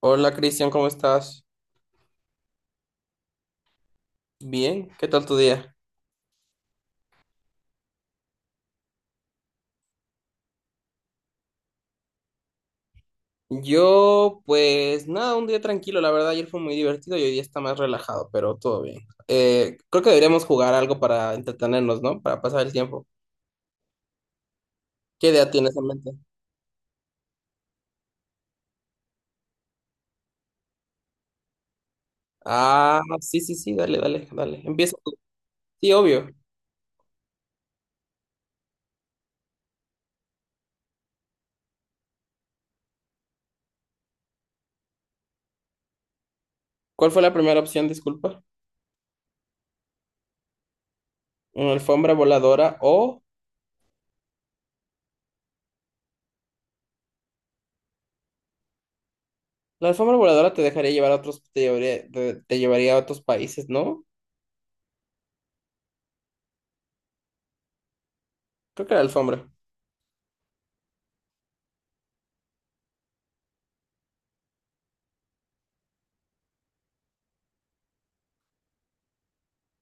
Hola Cristian, ¿cómo estás? Bien, ¿qué tal tu día? Yo, pues nada, un día tranquilo, la verdad ayer fue muy divertido y hoy día está más relajado, pero todo bien. Creo que deberíamos jugar algo para entretenernos, ¿no? Para pasar el tiempo. ¿Qué idea tienes en mente? Ah, sí, sí, sí, dale, dale, dale. Empieza tú. Sí, obvio. ¿Cuál fue la primera opción, disculpa? ¿Una alfombra voladora o... La alfombra voladora te dejaría llevar a otros, te llevaría, te llevaría a otros países, ¿no? Creo que la alfombra.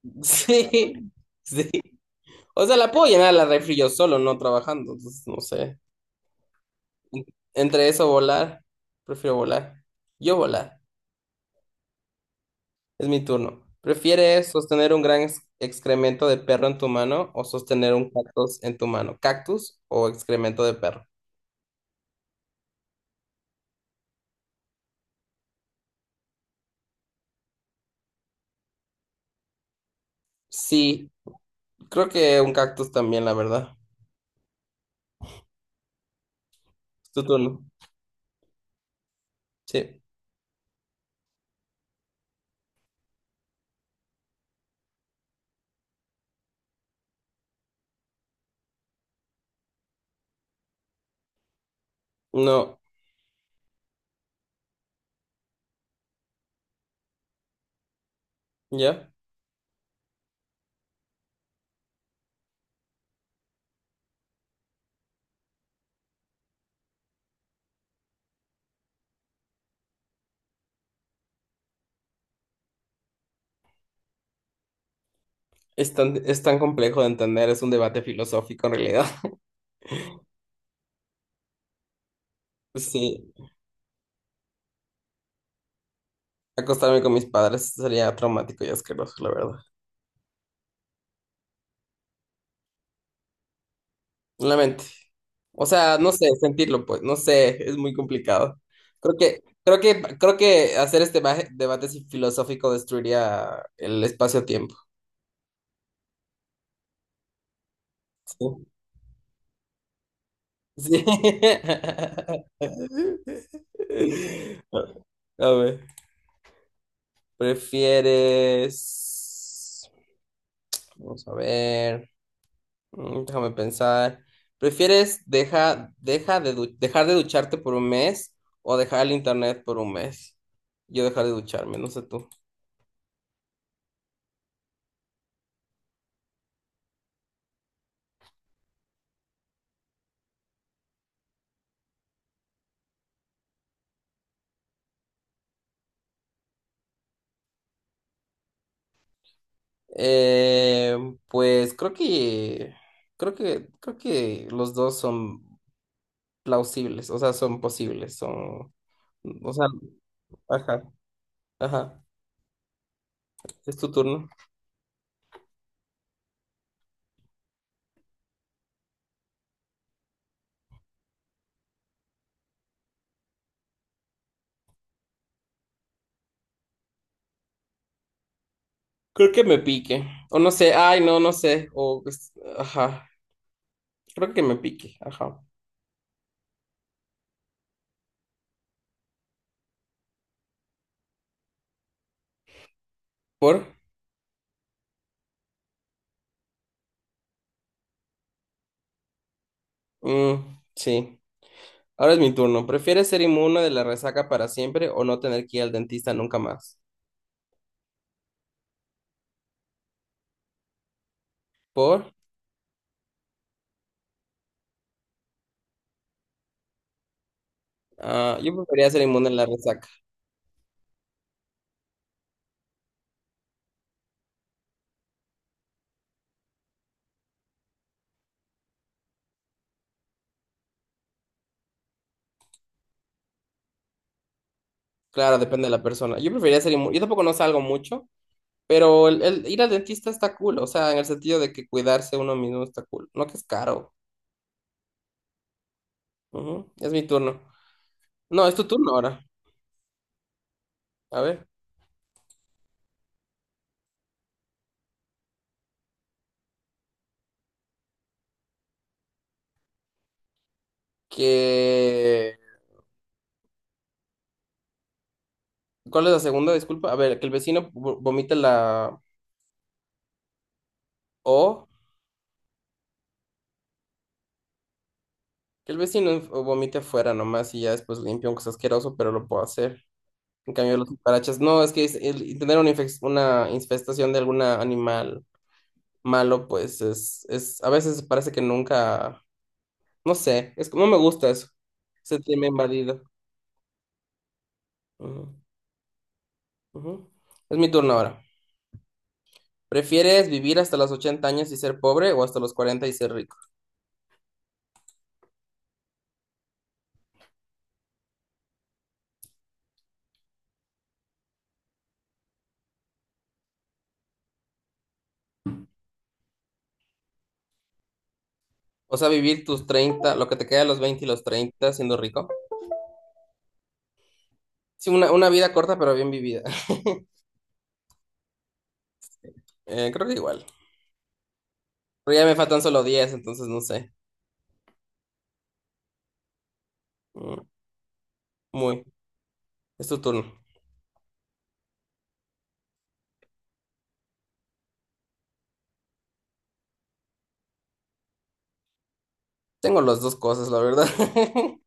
Sí, sí. O sea, la puedo llenar a la refri yo solo, no trabajando. Entonces, no sé. Entre eso, volar. Prefiero volar. Yo volar. Es mi turno. ¿Prefieres sostener un gran excremento de perro en tu mano o sostener un cactus en tu mano? ¿Cactus o excremento de perro? Sí, creo que un cactus también, la verdad. Es tu turno. Sí. No, ya. Es tan complejo de entender, es un debate filosófico en realidad. Sí, acostarme con mis padres sería traumático y asqueroso, la verdad. En la mente. O sea, no sé, sentirlo, pues, no sé, es muy complicado. Creo que hacer este debate filosófico destruiría el espacio-tiempo. Sí. Sí. A ver, ¿prefieres? Vamos a ver. Déjame pensar. ¿Prefieres dejar de ducharte por un mes o dejar el internet por un mes? Yo dejar de ducharme, no sé tú. Eh, pues creo que los dos son plausibles, o sea, son posibles, son, o sea, ajá, ajá. Es tu turno. Creo que me pique. O no sé, ay, no, no sé. Ajá. Creo que me pique, ajá. ¿Por? Mm, sí. Ahora es mi turno. ¿Prefieres ser inmune de la resaca para siempre o no tener que ir al dentista nunca más? ¿Por? Ah, yo preferiría ser inmune de la resaca. Claro, depende de la persona. Yo preferiría ser inmune. Yo tampoco no salgo mucho, pero el ir al dentista está cool. O sea, en el sentido de que cuidarse uno mismo está cool. No que es caro. Ujú. Es mi turno. No, es tu turno ahora. A ver. Que... ¿Cuál es la segunda? Disculpa. A ver, que el vecino vomite la... O... Que el vecino vomite afuera nomás y ya después limpia, aunque sea asqueroso, pero lo puedo hacer. En cambio, las cucarachas, no, es que el tener una infestación de algún animal malo, pues es, a veces parece que nunca, no sé, es, que no me gusta eso. Se tiene invadido. Ujú, ujú. Es mi turno ahora. ¿Prefieres vivir hasta los 80 años y ser pobre o hasta los 40 y ser rico? O sea, vivir tus 30 lo que te queda de los 20 y los 30 siendo rico. Sí, una vida corta pero bien vivida. Creo que igual. Pero ya me faltan solo 10 entonces no sé. Mm, Muy. Es tu turno. Tengo las dos cosas, la verdad.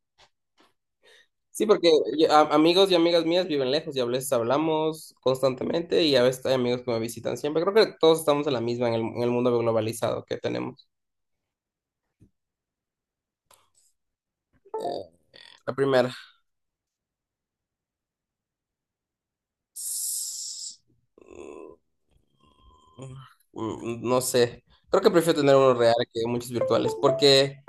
Sí, porque amigos y amigas mías viven lejos y a veces hablamos constantemente y a veces hay amigos que me visitan siempre. Creo que todos estamos en la misma en el, mundo globalizado que tenemos. Eh, la primera. S- No sé. Creo que prefiero tener uno real que muchos virtuales porque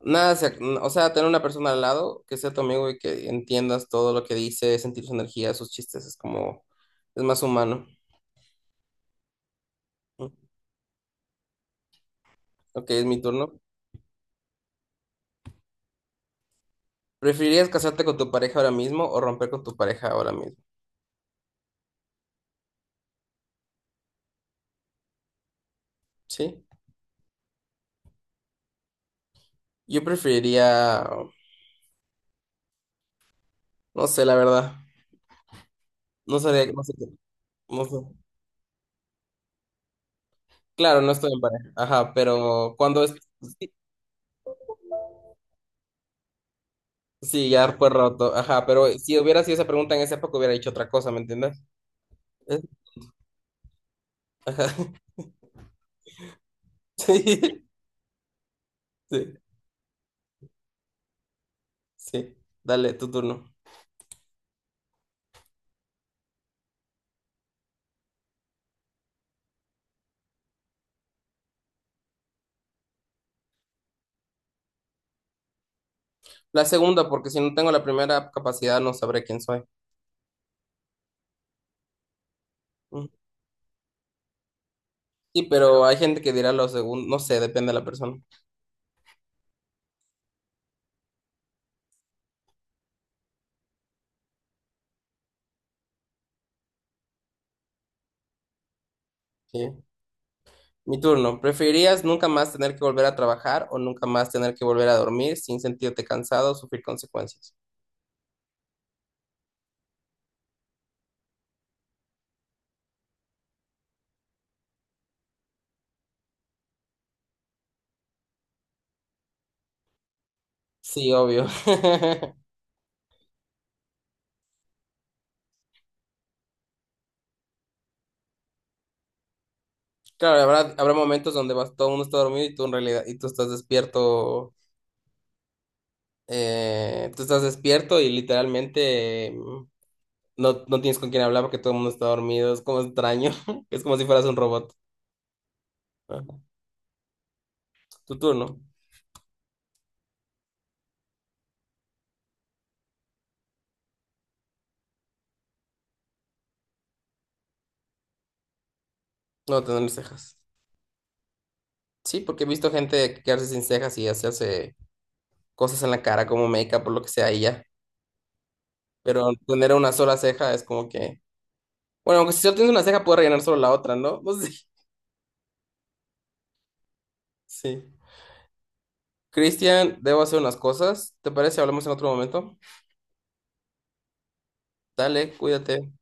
nada, se o sea, tener una persona al lado que sea tu amigo y que entiendas todo lo que dice, sentir su energía, sus chistes, es como, es más humano. Ok, es mi turno. ¿Preferirías casarte con tu pareja ahora mismo o romper con tu pareja ahora mismo? ¿Sí? Yo preferiría, no sé, la verdad. No sabría, no sé, qué- no sé. Claro, no estoy en pareja. Ajá, pero cuando es... Sí, sí, ya fue roto. Ajá, pero si hubiera sido esa pregunta en esa época hubiera dicho otra cosa, ¿me entiendes? Eh, Ajá. Sí, sí, sí. Dale, tu turno. La segunda, porque si no tengo la primera capacidad no sabré quién soy. Mm. Sí, pero hay gente que dirá lo segundo, no sé, depende de la persona. Sí. Mi turno. ¿Preferirías nunca más tener que volver a trabajar o nunca más tener que volver a dormir sin sentirte cansado o sufrir consecuencias? Sí, obvio. Claro, habrá momentos donde vas, todo el mundo está dormido y tú en realidad, y tú estás despierto y literalmente no tienes con quién hablar porque todo el mundo está dormido. Es como extraño. Es como si fueras un robot. Ajá. Tu turno. No tener cejas. Sí, porque he visto gente quedarse sin cejas y hacerse cosas en la cara como make-up o lo que sea y ya. Pero tener una sola ceja es como que. Bueno, aunque si solo tienes una ceja, puedes rellenar solo la otra, ¿no? Pues sí. Sí. Cristian, debo hacer unas cosas. ¿Te parece? Hablamos en otro momento. Dale, cuídate.